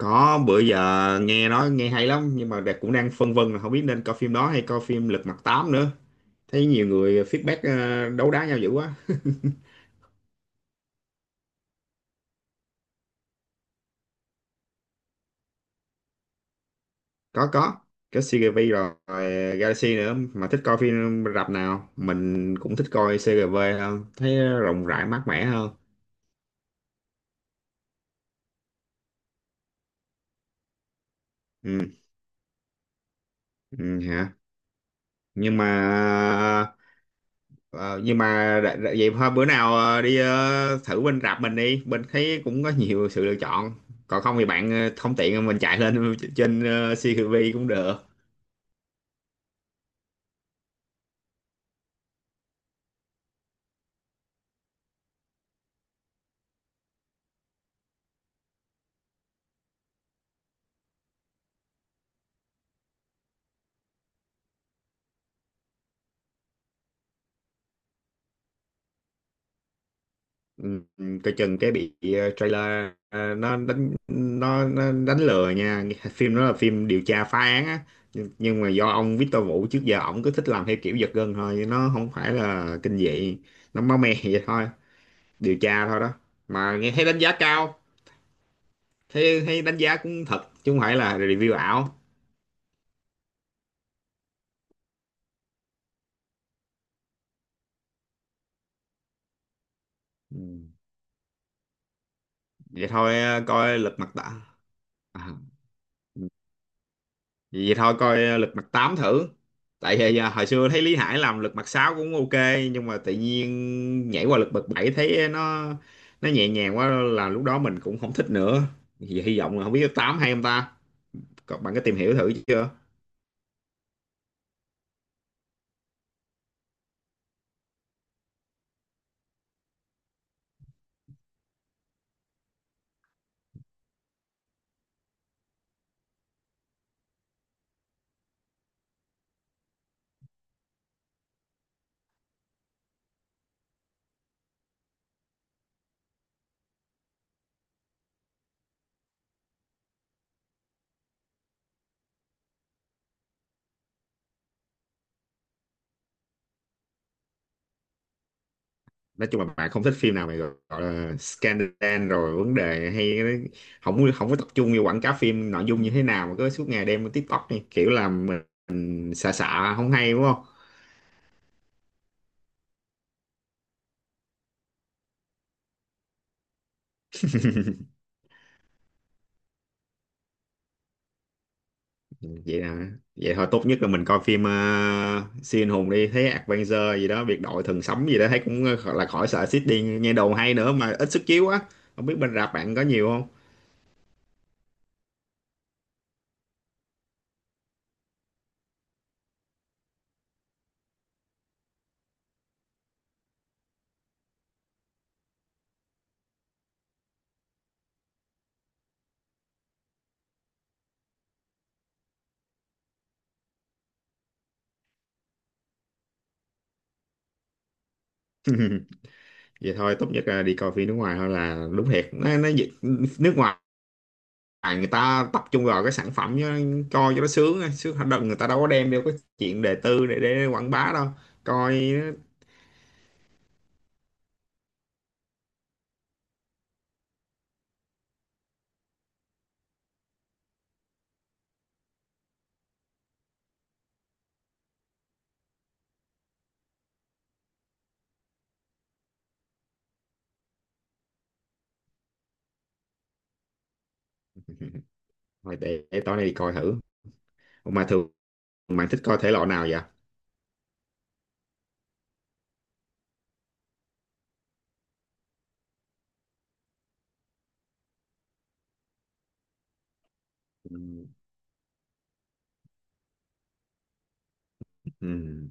Có bữa giờ nghe nói nghe hay lắm, nhưng mà Đạt cũng đang phân vân là không biết nên coi phim đó hay coi phim Lật Mặt 8 nữa. Thấy nhiều người feedback, đấu đá nhau dữ quá. Có có, có CGV rồi, rồi Galaxy nữa. Mà thích coi phim rạp nào? Mình cũng thích coi CGV hơn, thấy rộng rãi mát mẻ hơn. Ừ, ừ hả? Nhưng mà Ờ, nhưng mà vậy thôi bữa nào đi thử bên rạp mình đi, bên thấy cũng có nhiều sự lựa chọn. Còn không thì bạn không tiện, mình chạy lên trên CCTV cũng được. Ừ, ừ, coi chừng cái bị trailer, nó đánh, nó đánh lừa nha. Phim đó là phim điều tra phá án á, nhưng mà do ông Victor Vũ trước giờ ổng cứ thích làm theo kiểu giật gân thôi, nó không phải là kinh dị. Nó máu me vậy thôi, điều tra thôi đó. Mà nghe thấy đánh giá cao thế, hay đánh giá cũng thật chứ không phải là review ảo. Ừ. Vậy thôi coi lật mặt tám à. Ừ. Vậy thôi coi lật mặt 8 thử. Tại vì hồi xưa thấy Lý Hải làm lật mặt 6 cũng ok, nhưng mà tự nhiên nhảy qua lật mặt 7 thấy nó nhẹ nhàng quá, là lúc đó mình cũng không thích nữa. Vậy hy vọng là không biết 8 hay không ta. Còn bạn có tìm hiểu thử chưa? Nói chung là bạn không thích phim nào mày gọi gọi là scandal rồi vấn đề hay cái đấy. Không có không có tập trung vô quảng cáo phim nội dung như thế nào, mà cứ suốt ngày đem lên TikTok này, kiểu là mình xả xả không hay đúng không. Vậy là vậy thôi, tốt nhất là mình coi phim siêu anh hùng đi, thấy Avenger gì đó, biệt đội thần sấm gì đó, thấy cũng gọi là khỏi sợ xít đi, nghe đầu hay nữa mà ít sức chiếu á. Không biết bên rạp bạn có nhiều không? Vậy thôi tốt nhất là đi coi phim nước ngoài thôi là đúng thiệt. Nó, dịch- nước ngoài à, người ta tập trung vào cái sản phẩm chứ, coi cho nó sướng ấy. Sướng đợt, người ta đâu có đem theo cái chuyện đề tư để, quảng bá đâu. Coi thôi. Để tối nay đi coi thử. Ủa mà thường bạn thích coi thể loại nào vậy? Ừ. Ừ.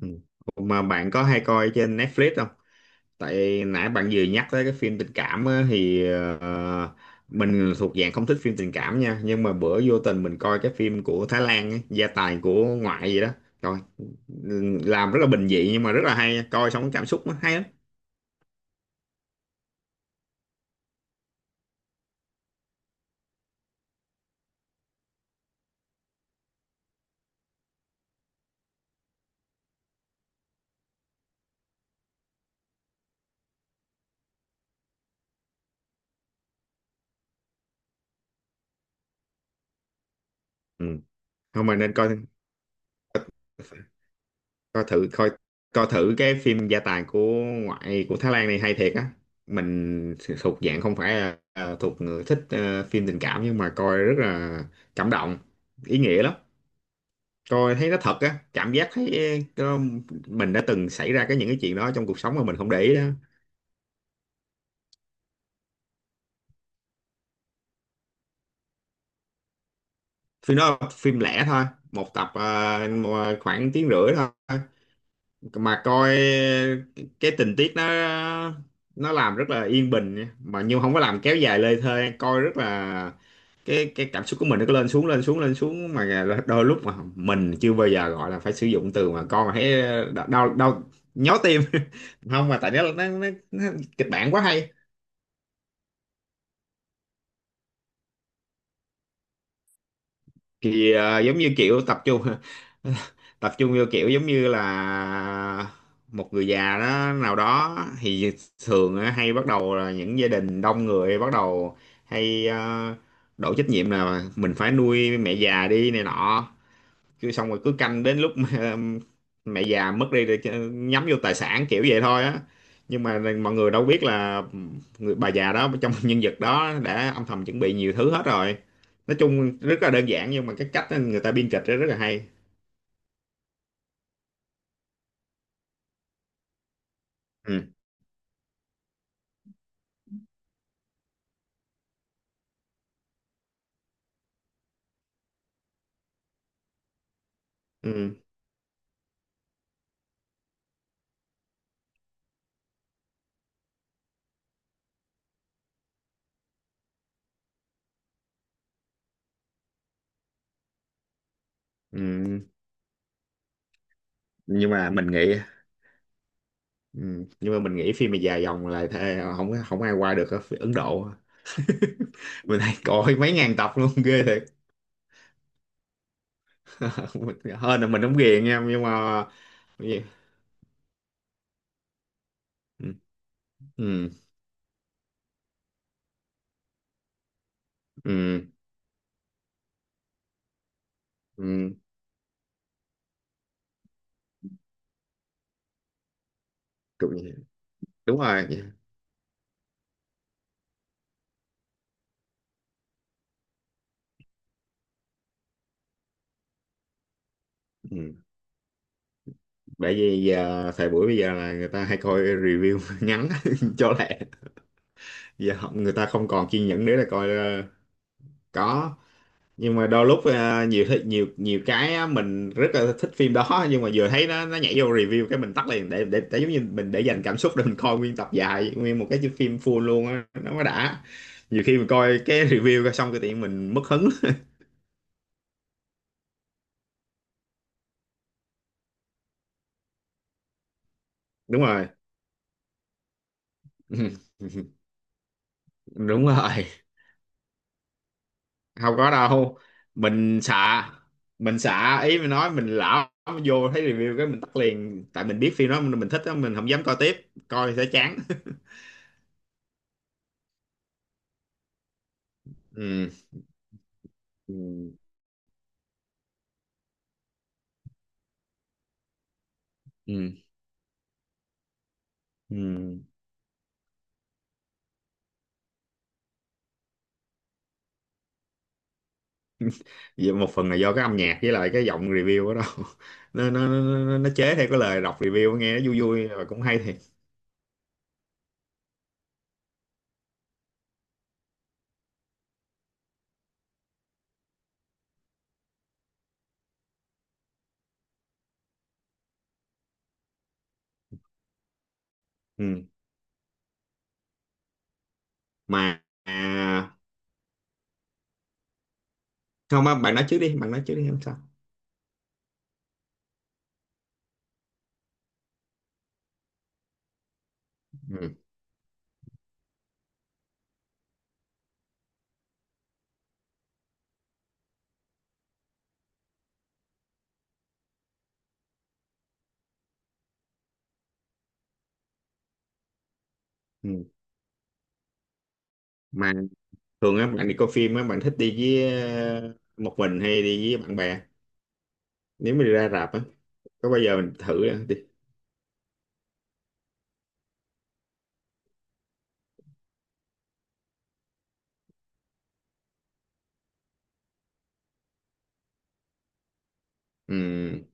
Ừ. Ủa mà bạn có hay coi trên Netflix không? Tại nãy bạn vừa nhắc tới cái phim tình cảm á, thì ờ, mình thuộc dạng không thích phim tình cảm nha, nhưng mà bữa vô tình mình coi cái phim của Thái Lan ấy, gia tài của ngoại gì đó, rồi làm rất là bình dị nhưng mà rất là hay, coi xong cảm xúc nó hay lắm. Ừ. Thôi mà nên coi, coi thử coi, coi thử cái phim gia tài của ngoại của Thái Lan, này hay thiệt á. Mình thuộc dạng không phải là à, thuộc người thích phim tình cảm, nhưng mà coi rất là cảm động, ý nghĩa lắm. Coi thấy nó thật á, cảm giác thấy ờ, mình đã từng xảy ra cái những cái chuyện đó trong cuộc sống mà mình không để ý đó. Phim đó là phim lẻ thôi, một tập khoảng tiếng rưỡi thôi. Mà coi cái tình tiết nó làm rất là yên bình nha. Mà nhưng không có làm kéo dài lê thê, coi rất là cái cảm xúc của mình nó cứ lên xuống lên xuống lên xuống, mà đôi lúc mà mình chưa bao giờ gọi là phải sử dụng từ mà con mà thấy đau đau nhói tim. Không mà tại nó nó kịch bản quá hay. Thì giống như kiểu tập trung tập trung vô kiểu giống như là một người già đó nào đó, thì thường á, hay bắt đầu là những gia đình đông người, bắt đầu hay đổ trách nhiệm là mình phải nuôi mẹ già đi này nọ, cứ xong rồi cứ canh đến lúc mà mẹ già mất đi rồi nhắm vô tài sản kiểu vậy thôi á. Nhưng mà mọi người đâu biết là người bà già đó trong nhân vật đó đã âm thầm chuẩn bị nhiều thứ hết rồi. Nói chung rất là đơn giản, nhưng mà cái cách người ta biên kịch đó rất là hay. Ừ. Ừ. Ừ. Nhưng mà mình nghĩ ừ, nhưng mà mình nghĩ phim mà dài dòng là thề, không không ai qua được ở phía Ấn Độ. Mình thấy coi mấy ngàn tập luôn, ghê thiệt. Hơn là mình không ghiền nha, nhưng mà ừ, ừ, ừ, ừ, cũng vậy. Đúng rồi. Ừ. Bởi vì giờ thời buổi bây giờ là người ta hay coi review ngắn cho lẹ. Người ta không còn kiên nhẫn nữa là coi có, nhưng mà đôi lúc nhiều nhiều cái á, mình rất là thích phim đó, nhưng mà vừa thấy nó nhảy vô review cái mình tắt liền, để để giống như mình để dành cảm xúc để mình coi nguyên tập dài nguyên một cái phim full luôn á, nó mới đã. Nhiều khi mình coi cái review coi xong cái tự nhiên mình mất hứng. Đúng rồi. Đúng rồi. Không có đâu. mình xạ mình xạ, ý mình nói mình lão vô thấy review cái mình tắt liền, tại mình biết phim đó mình thích đó, mình không dám coi tiếp, coi sẽ chán. Ừ, ừ, ừ, ừ. Vì một phần là do cái âm nhạc với lại cái giọng review đó đâu nó nó chế theo cái lời đọc review, nghe nó vui vui và cũng hay thiệt. Ừ. Mà à, không á, bạn nói trước đi, bạn nói trước đi, không sao. Ừ, ừ. Mà thường á bạn đi coi phim á, bạn thích đi với một mình hay đi với bạn bè? Nếu mình ra rạp á, có bao giờ mình thử đi. Ừm,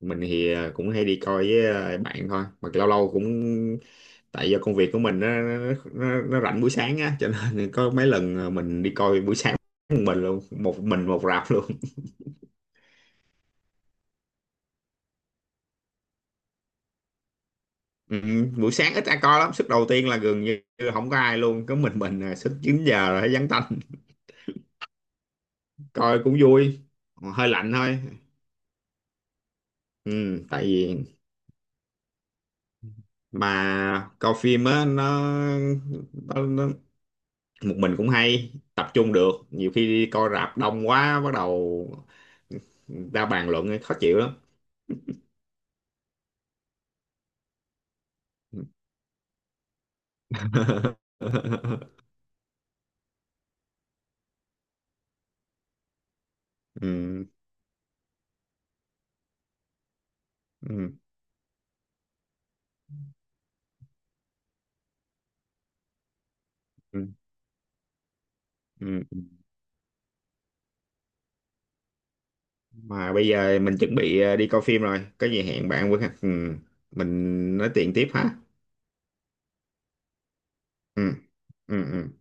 mình thì à, cũng hay đi coi với à, bạn thôi, mà lâu lâu cũng tại do công việc của mình, nó nó rảnh buổi sáng á, cho nên có mấy lần à, mình đi coi buổi sáng một mình luôn, một mình một rạp luôn. Buổi sáng ít ai coi lắm, suất đầu tiên là gần như không có ai luôn, có mình à, suất 9 giờ là thấy vắng tanh, coi cũng vui, hơi lạnh thôi. Tại vì mà coi phim á nó, nó một mình cũng hay tập trung được, nhiều khi đi coi rạp đông quá bắt đầu ra bàn luận khó chịu lắm. Ừ, ừ, ừ, ừ. Mà bây giờ mình chuẩn bị đi coi phim rồi, có gì hẹn bạn với. Ừ, mình nói chuyện tiếp ha. Ừ, ừ, ừ.